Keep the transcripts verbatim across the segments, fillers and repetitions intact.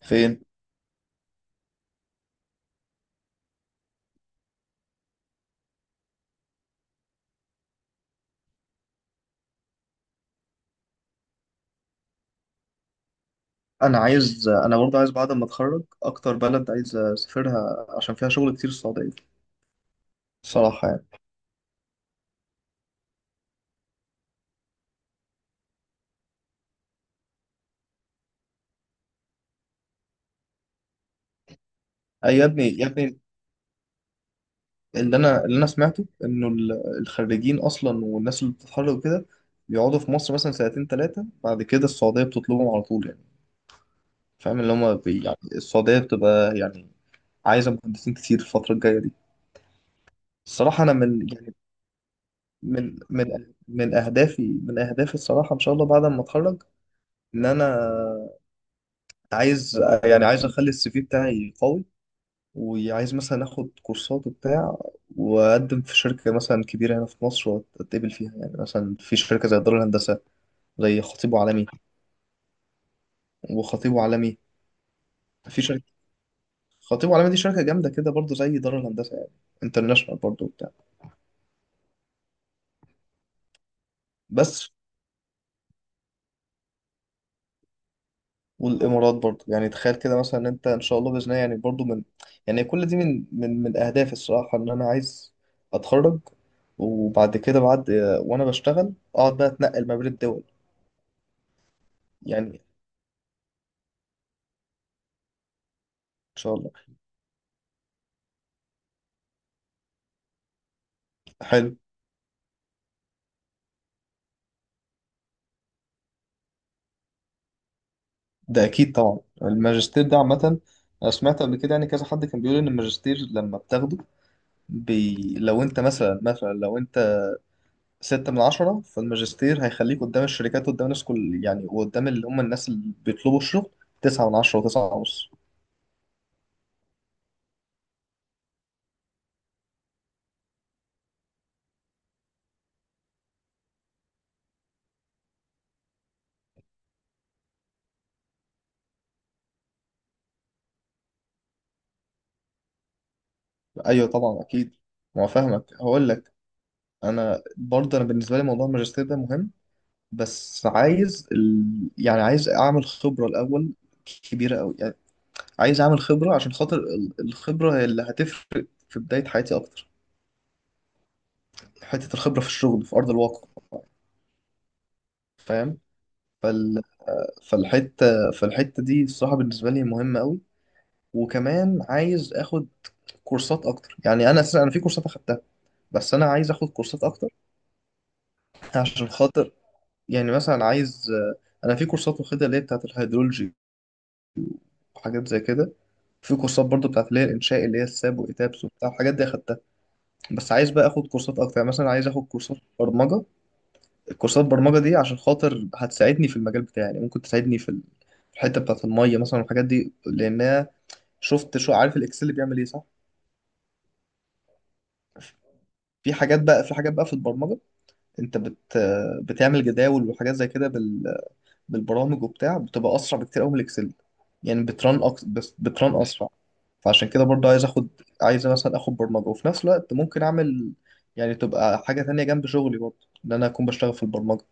فين؟ انا عايز انا برضه عايز بعد ما اتخرج اكتر بلد عايز اسافرها عشان فيها شغل كتير السعوديه، صراحه يعني. اي يا ابني يا ابني، اللي انا اللي انا سمعته انه ال- الخريجين اصلا والناس اللي بتتخرج وكده بيقعدوا في مصر مثلا سنتين ثلاثه، بعد كده السعوديه بتطلبهم على طول يعني. فاهم؟ اللي هم بي يعني السعوديه بتبقى يعني عايزه مهندسين كتير الفتره الجايه دي. الصراحه انا من يعني من من من اهدافي من اهدافي الصراحه ان شاء الله بعد ما اتخرج ان انا عايز، يعني عايز اخلي السي في بتاعي قوي، وعايز مثلا اخد كورسات وبتاع، واقدم في شركه مثلا كبيره هنا في مصر واتقبل فيها، يعني مثلا في شركه زي دار الهندسه، زي خطيب وعالمي. وخطيب وعالمي في شركه خطيب وعالمي، دي شركه جامده كده برضو زي دار الهندسه يعني، انترناشونال برضو وبتاع بس. والامارات برضه، يعني تخيل كده مثلا إن انت ان شاء الله باذن الله، يعني برضه من، يعني كل دي من من من اهدافي الصراحه ان انا عايز اتخرج وبعد كده بعد، وانا بشتغل اقعد بقى اتنقل ما بين الدول يعني، ان شاء الله. حلو. ده اكيد طبعا الماجستير ده عامه. انا سمعت قبل كده يعني كذا حد كان بيقول ان الماجستير لما بتاخده، بي... لو انت مثلا مثلا لو انت ستة من عشرة، فالماجستير هيخليك قدام الشركات، قدام الناس كل يعني، وقدام اللي هم الناس اللي بيطلبوا الشغل، تسعة من عشرة وتسعة ونص. ايوه طبعا اكيد، ما هو فاهمك. هقول لك، انا برضه انا بالنسبه لي موضوع الماجستير ده مهم، بس عايز ال... يعني عايز اعمل خبره الاول، كبيره قوي يعني. عايز اعمل خبره عشان خاطر ال- الخبره هي اللي هتفرق في بدايه حياتي اكتر، حته الخبره في الشغل في ارض الواقع. فاهم؟ فال... فالحته فالحته دي الصراحه بالنسبه لي مهمه قوي. وكمان عايز اخد كورسات اكتر. يعني انا اساسا انا في كورسات اخدتها، بس انا عايز اخد كورسات اكتر، عشان خاطر يعني. مثلا عايز، انا في كورسات واخدها اللي هي بتاعت الهيدرولوجي وحاجات زي كده. في كورسات برضو بتاعت اللي هي الانشاء، اللي هي الساب واتابس وبتاع الحاجات دي اخدتها. بس عايز بقى اخد كورسات اكتر، يعني مثلا عايز اخد كورسات برمجه. الكورسات برمجه دي عشان خاطر هتساعدني في المجال بتاعي، يعني ممكن تساعدني في ال- في الحته بتاعت الميه مثلا والحاجات دي، لانها، شفت شو عارف الاكسل بيعمل ايه، صح؟ في حاجات بقى، في حاجات بقى في البرمجه، انت بت بتعمل جداول وحاجات زي كده بالبرامج وبتاع، بتبقى اسرع بكتير قوي من الاكسل. يعني بترن أكس... بس بترن اسرع. فعشان كده برضه عايز اخد، عايز مثلا اخد برمجه، وفي نفس الوقت ممكن اعمل، يعني تبقى حاجه تانية جنب شغلي برضه، ان انا اكون بشتغل في البرمجه.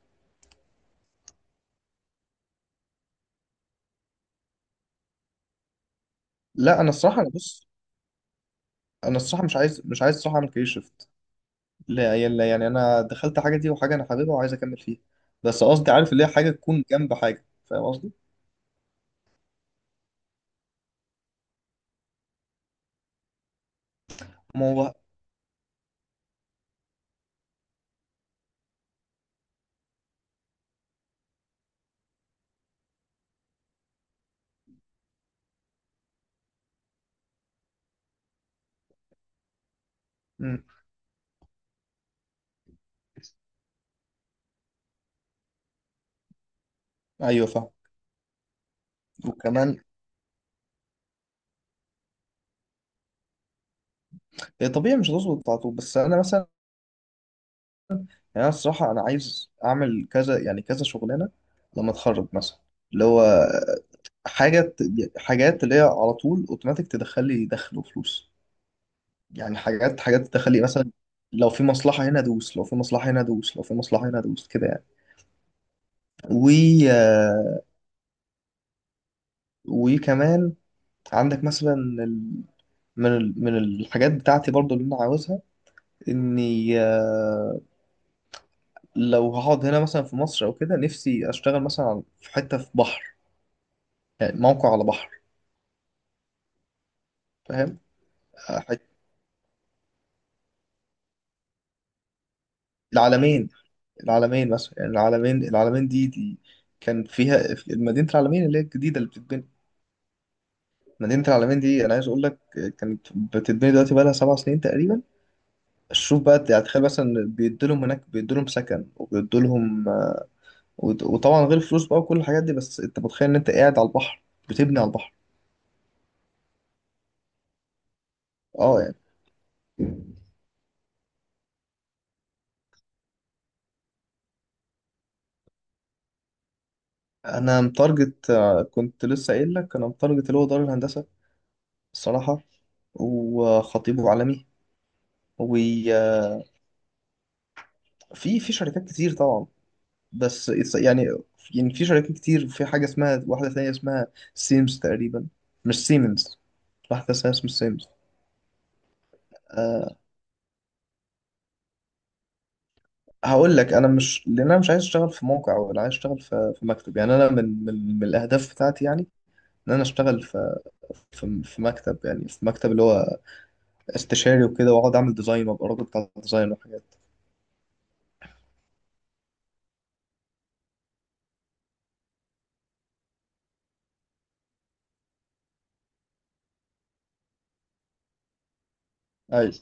لا انا الصراحه انا بص، انا الصراحه مش عايز مش عايز الصراحه اعمل كارير شيفت. لا يعني، لا، يعني انا دخلت حاجه دي وحاجه انا حاببها وعايز اكمل فيها، بس قصدي عارف اللي هي حاجه تكون جنب حاجه. فاهم قصدي؟ ما هو. مم. ايوه فاهم. وكمان، هي طبيعي مش هتظبط على طول، بس انا مثلا يعني، أنا الصراحة أنا عايز أعمل كذا، يعني كذا شغلانة لما أتخرج مثلا، اللي هو حاجة ت- حاجات اللي هي على طول أوتوماتيك تدخل لي دخل وفلوس، يعني حاجات حاجات تدخل لي. مثلا لو في مصلحة هنا أدوس، لو في مصلحة هنا أدوس، لو في مصلحة هنا أدوس، كده يعني. و، آه، وكمان عندك مثلا ال- من ال- من الحاجات بتاعتي برضو اللي أنا عاوزها، إني آه، لو هقعد هنا مثلا في مصر أو كده، نفسي أشتغل مثلا في حتة في بحر، يعني موقع على بحر. فاهم؟ حت- العالمين العالمين مثلا، يعني العالمين العالمين دي دي كان فيها، في مدينة العالمين اللي هي الجديدة اللي بتتبني. مدينة العالمين دي أنا عايز أقول لك، كانت بتتبني دلوقتي بقى لها سبع سنين تقريبا. شوف بقى، يعني تخيل مثلا، بيدوا لهم هناك، بيدوا لهم سكن، وبيدوا لهم، وط- وطبعا غير فلوس بقى وكل الحاجات دي، بس أنت متخيل إن أنت قاعد على البحر، بتبني على البحر. أه يعني. أنا متارجت، آه، كنت لسه قايل لك، أنا متارجت اللي هو دار الهندسة الصراحة، وخطيبه عالمي. في في شركات كتير طبعا، بس it's- يعني، يعني في شركات كتير، في حاجة اسمها، واحدة ثانية اسمها سيمز تقريبا، مش سيمنز، واحدة ثانية اسمها سيمز. أه هقول لك، انا مش، لان انا مش عايز اشتغل في موقع، ولا عايز اشتغل في في مكتب. يعني انا من من, من الاهداف بتاعتي، يعني ان انا اشتغل في، في في مكتب، يعني في مكتب اللي هو استشاري وكده، واقعد اعمل ديزاين وابقى الراجل بتاع الديزاين وحاجات. ايوه.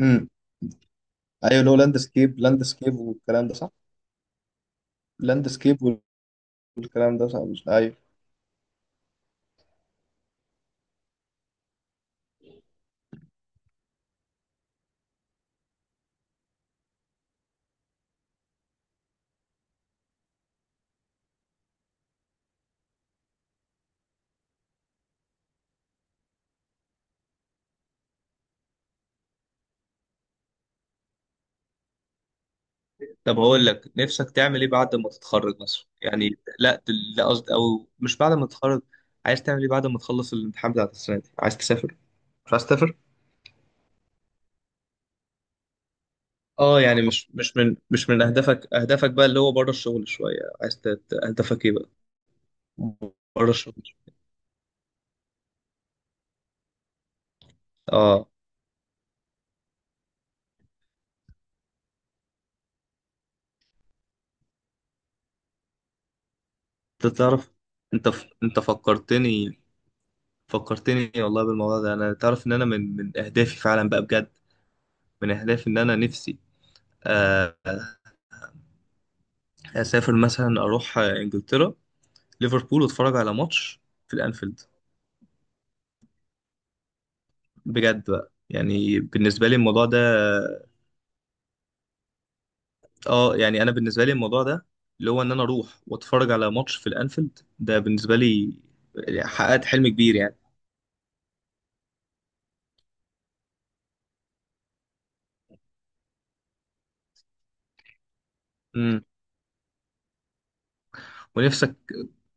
امم. ايوه اللي هو لاند سكيب، لاند سكيب، والكلام ده صح. لاند سكيب، والكلام ده صح. ايوه. طب اقول لك، نفسك تعمل ايه بعد ما تتخرج مثلا يعني، لا دل- لا قصدي، او مش بعد ما تتخرج، عايز تعمل ايه بعد ما تخلص الامتحان بتاع السنه دي؟ عايز تسافر؟ مش عايز تسافر؟ اه يعني، مش مش من مش من اهدافك، اهدافك بقى اللي هو بره الشغل شويه عايز ت- ت- اهدافك ايه بقى بره الشغل؟ اه. انت تعرف، انت ف... انت فكرتني، فكرتني والله بالموضوع ده. انا تعرف ان انا من من اهدافي فعلا بقى، بجد من اهدافي ان انا نفسي، آه، اسافر مثلا، اروح آه، انجلترا، ليفربول واتفرج على ماتش في الانفيلد. بجد بقى، يعني بالنسبه لي الموضوع ده، اه يعني انا بالنسبه لي الموضوع ده اللي هو ان انا اروح واتفرج على ماتش في الانفيلد ده، بالنسبه لي يعني حققت حلم كبير يعني. امم. ونفسك،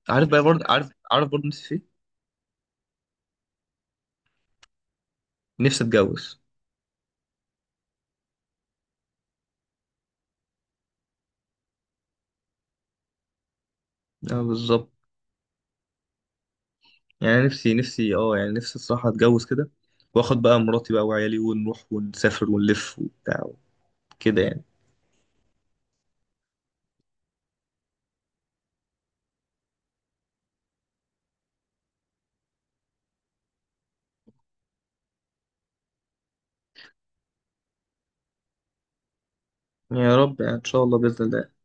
عارف بقى برضه؟ عارف عارف برضه نفسي في ايه؟ نفسي اتجوز. اه بالظبط. يعني أنا نفسي نفسي اه، يعني نفسي الصراحه اتجوز كده، واخد بقى مراتي بقى وعيالي، ونروح ونسافر ونلف وبتاع كده يعني. يا رب يعني ان شاء الله باذن الله.